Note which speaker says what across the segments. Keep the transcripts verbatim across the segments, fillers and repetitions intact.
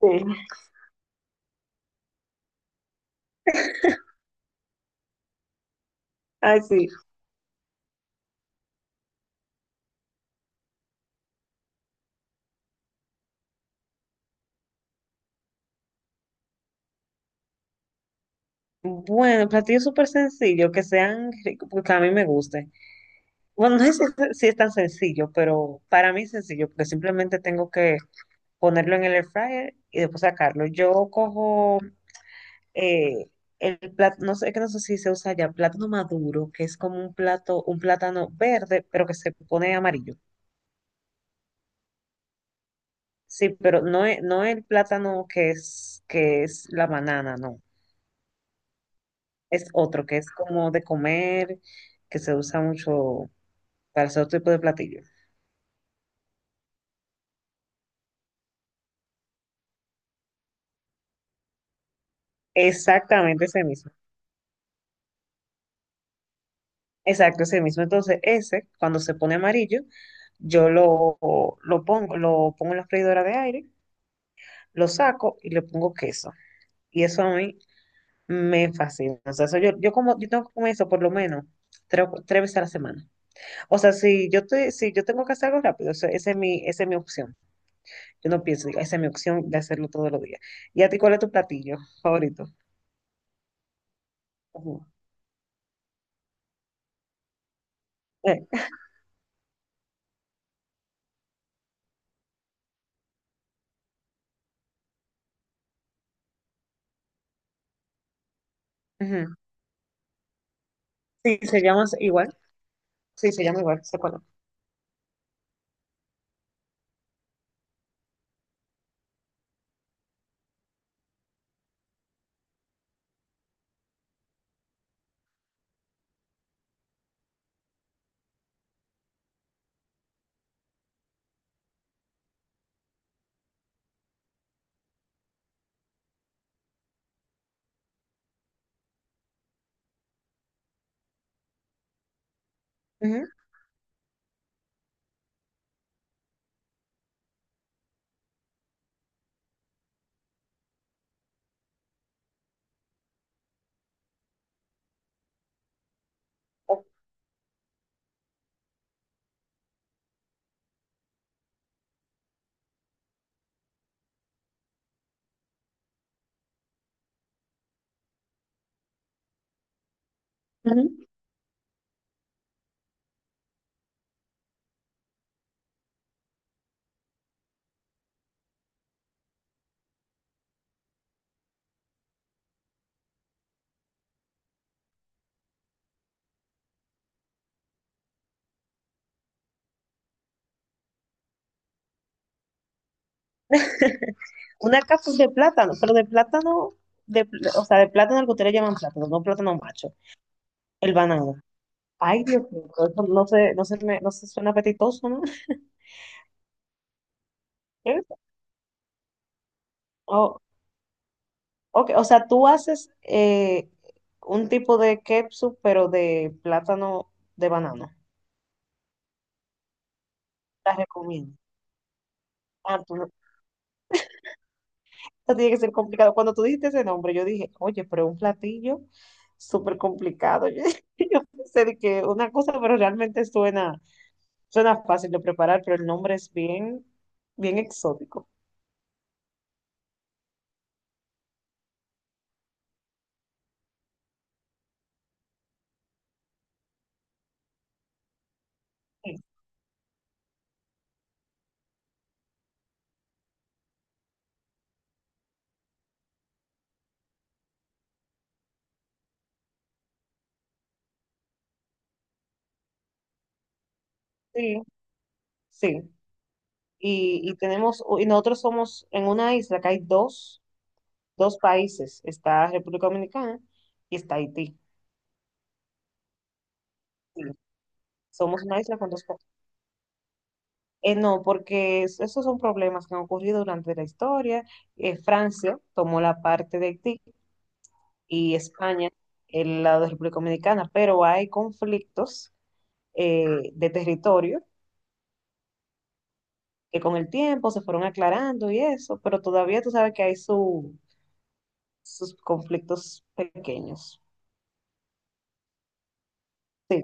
Speaker 1: Sí, ay, sí. Bueno, platillos súper sencillos, que sean ricos, porque a mí me gusten. Bueno, no sé si es, si es tan sencillo, pero para mí es sencillo, porque simplemente tengo que ponerlo en el air fryer y después sacarlo. Yo cojo eh, el plátano, no sé, que no sé si se usa ya, plátano maduro, que es como un plato, un plátano verde, pero que se pone amarillo. Sí, pero no es, no el plátano que es, que es la banana, no. Es otro, que es como de comer, que se usa mucho para ese otro tipo de platillo. Exactamente ese mismo. Exacto, ese mismo. Entonces, ese, cuando se pone amarillo, yo lo, lo pongo, lo pongo en la freidora de aire, lo saco y le pongo queso. Y eso a mí me fascina. O sea, eso yo, yo como, yo tengo que comer eso por lo menos tres, tres veces a la semana. O sea, si yo te, si yo tengo que hacer algo rápido, eso- esa es mi, esa es mi opción. Yo no pienso, digo, esa es mi opción de hacerlo todos los días. ¿Y a ti cuál es tu platillo favorito? Ujú. Eh, ujú. Sí, se llama igual. Sí, se llama igual, se conoce. Ujú. Ujú. Una capuz de plátano, pero de plátano, de, pl- o sea, de plátano al que ustedes le llaman plátano, no plátano macho, el banano. Ay, Dios mío, eso no se, no se me, no se suena apetitoso, ¿no? ¿Eh? Oh, ok, o sea, tú haces eh, un tipo de ketchup, pero de plátano, de banano. La recomiendo. Ah, tú no- Eso tiene que ser complicado. Cuando tú dijiste ese nombre, yo dije, oye, pero un platillo súper complicado. Sé de que una cosa, pero realmente suena, suena fácil de preparar, pero el nombre es bien, bien exótico. Sí, sí. Sí. Y, y tenemos, y nosotros somos en una isla que hay dos, dos países, está República Dominicana y está Haití. Sí, somos una isla con dos países. Eh, no, porque es- esos son problemas que han ocurrido durante la historia. Eh, Francia tomó la parte de Haití y España el lado de República Dominicana, pero hay conflictos, eh, de territorio, que con el tiempo se fueron aclarando y eso, pero todavía tú sabes que hay su- sus conflictos pequeños. Sí,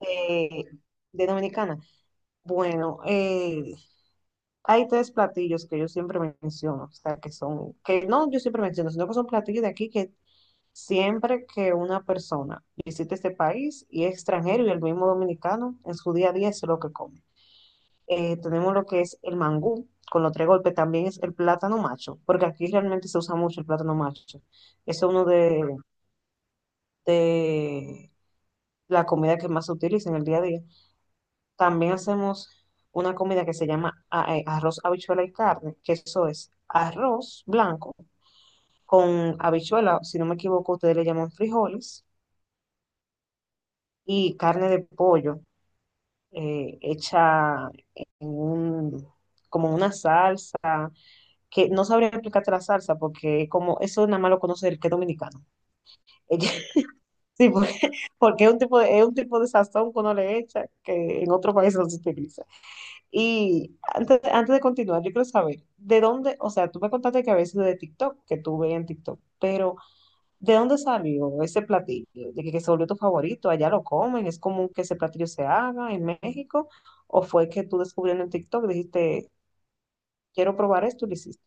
Speaker 1: eh, de Dominicana. Bueno, eh, hay tres platillos que yo siempre menciono, o sea, que son, que no yo siempre menciono, sino que son platillos de aquí que siempre que una persona visita este país y es extranjero y el mismo dominicano en su día a día es lo que come. Eh, tenemos lo que es el mangú, con los tres golpes también es el plátano macho, porque aquí realmente se usa mucho el plátano macho. Es uno de, de la comida que más se utiliza en el día a día. También hacemos una comida que se llama a- eh, arroz, habichuela y carne, que eso es arroz blanco con habichuela, si no me equivoco, ustedes le llaman frijoles, y carne de pollo, eh, hecha en un, como en una salsa que no sabría explicarte la salsa porque como eso nada más lo conoce el que es dominicano. Sí, porque, porque es un tipo de, es un tipo de sazón que uno le echa que en otros países no se utiliza. Y antes, antes de continuar, yo quiero saber, ¿de dónde, o sea, tú me contaste que a veces de TikTok, que tú ves en TikTok, pero ¿de dónde salió ese platillo? ¿De que, que se volvió tu favorito? ¿Allá lo comen? ¿Es común que ese platillo se haga en México? ¿O fue que tú descubriendo en TikTok dijiste, quiero probar esto y lo hiciste?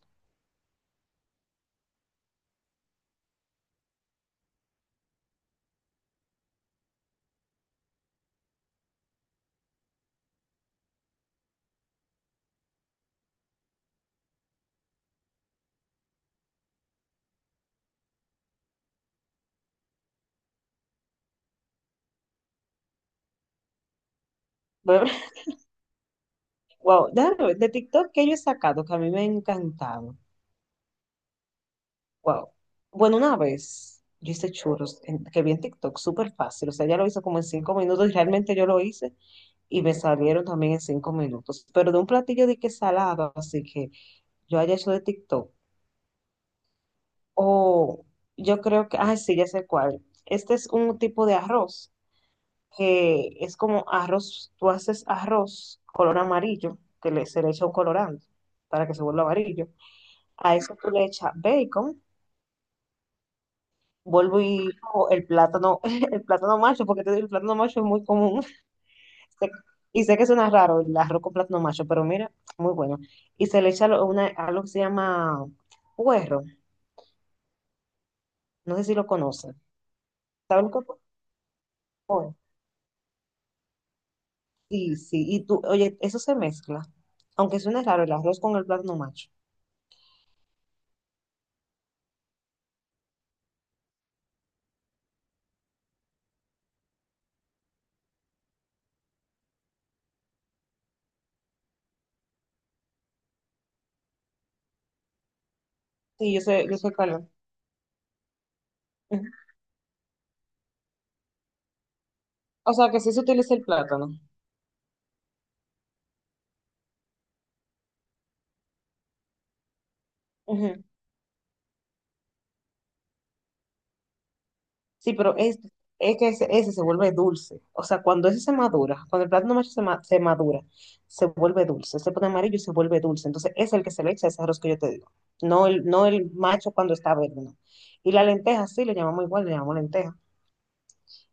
Speaker 1: Wow, déjame ver, de TikTok que yo he sacado, que a mí me ha encantado. Wow. Bueno, una vez yo hice churros en- que vi en TikTok, súper fácil. O sea, ella lo hizo como en cinco minutos y realmente yo lo hice y me salieron también en cinco minutos. Pero de un platillo de que salado, así que yo haya hecho de TikTok. O yo creo que, ah, sí, ya sé cuál. Este es un tipo de arroz que es como arroz, tú haces arroz color amarillo, que le, se le echa un colorante para que se vuelva amarillo. A eso tú le echas bacon. Vuelvo y cojo el plátano, el plátano macho, porque te digo, el plátano macho es muy común. Sé. Y sé que suena raro el arroz con plátano macho, pero mira, muy bueno. Y se le echa lo- una, algo que se llama puerro. No sé si lo conoces. ¿Sabes lo que es puerro? Sí, sí. Y tú, oye, eso se mezcla. Aunque suene raro el arroz con el plátano macho. Sí, yo sé, yo sé cuál es. Ujú. O sea, que sí se utiliza el plátano. Ujú. Sí, pero es, es que ese, ese se vuelve dulce. O sea, cuando ese se madura, cuando el plátano macho se, ma- se madura, se vuelve dulce, se pone amarillo y se vuelve dulce. Entonces, es el que se le echa ese arroz que yo te digo. No el, no el macho cuando está verde, no. Y la lenteja, sí, le llamamos igual, le llamamos lenteja.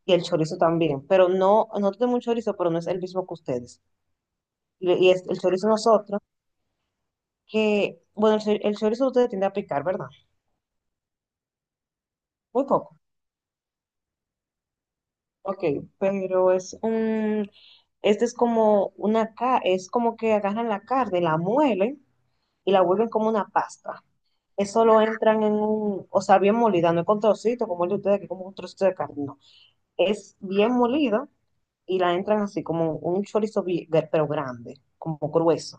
Speaker 1: Y el chorizo también, pero no, no tenemos un chorizo, pero no es el mismo que ustedes. Y, y es el chorizo nosotros, que, bueno, el, chor- el chorizo ustedes tienden a picar, ¿verdad? Muy poco. Ok, pero es un, este es como una ca- es como que agarran la carne, la muelen y la vuelven como una pasta. Eso lo entran en un, o sea, bien molida, no es con trocito como el de ustedes, que es como un trocito de carne, no. Es bien molida y la entran así como un chorizo, bi- pero grande, como grueso.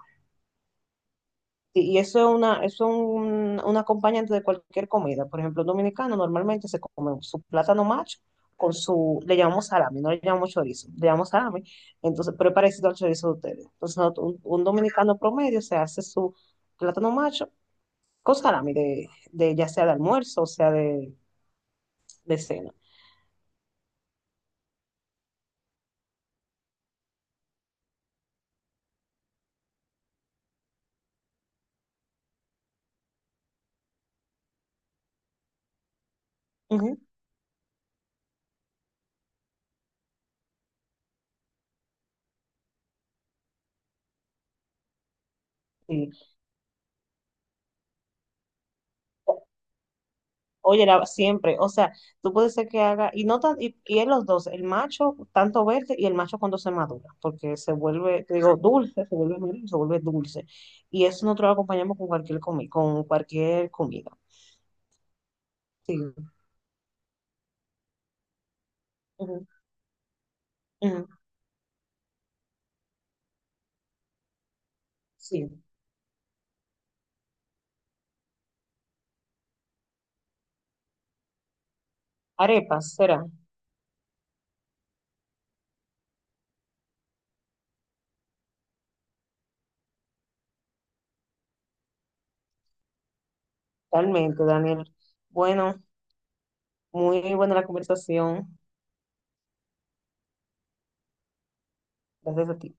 Speaker 1: Sí, y eso es una, eso es un, un acompañante de cualquier comida. Por ejemplo, un dominicano normalmente se come su plátano macho con su, le llamamos salami, no le llamamos chorizo, le llamamos salami. Entonces, pero es parecido al chorizo de ustedes. Entonces, no, un, un dominicano promedio se hace su plátano macho con salami, de, de, ya sea de almuerzo o sea de, de cena. Ujú. Oye, la- siempre, o sea, tú puedes ser que haga, y no tan, y, y en los dos, el macho tanto verde y el macho cuando se madura, porque se vuelve, te digo, dulce, se vuelve amarillo, se vuelve dulce. Y eso nosotros lo acompañamos con cualquier comi, con cualquier comida. Sí. Ujú, ujú, sí. Arepas, será, realmente, Daniel. Bueno, muy buena la conversación. Gracias a ti.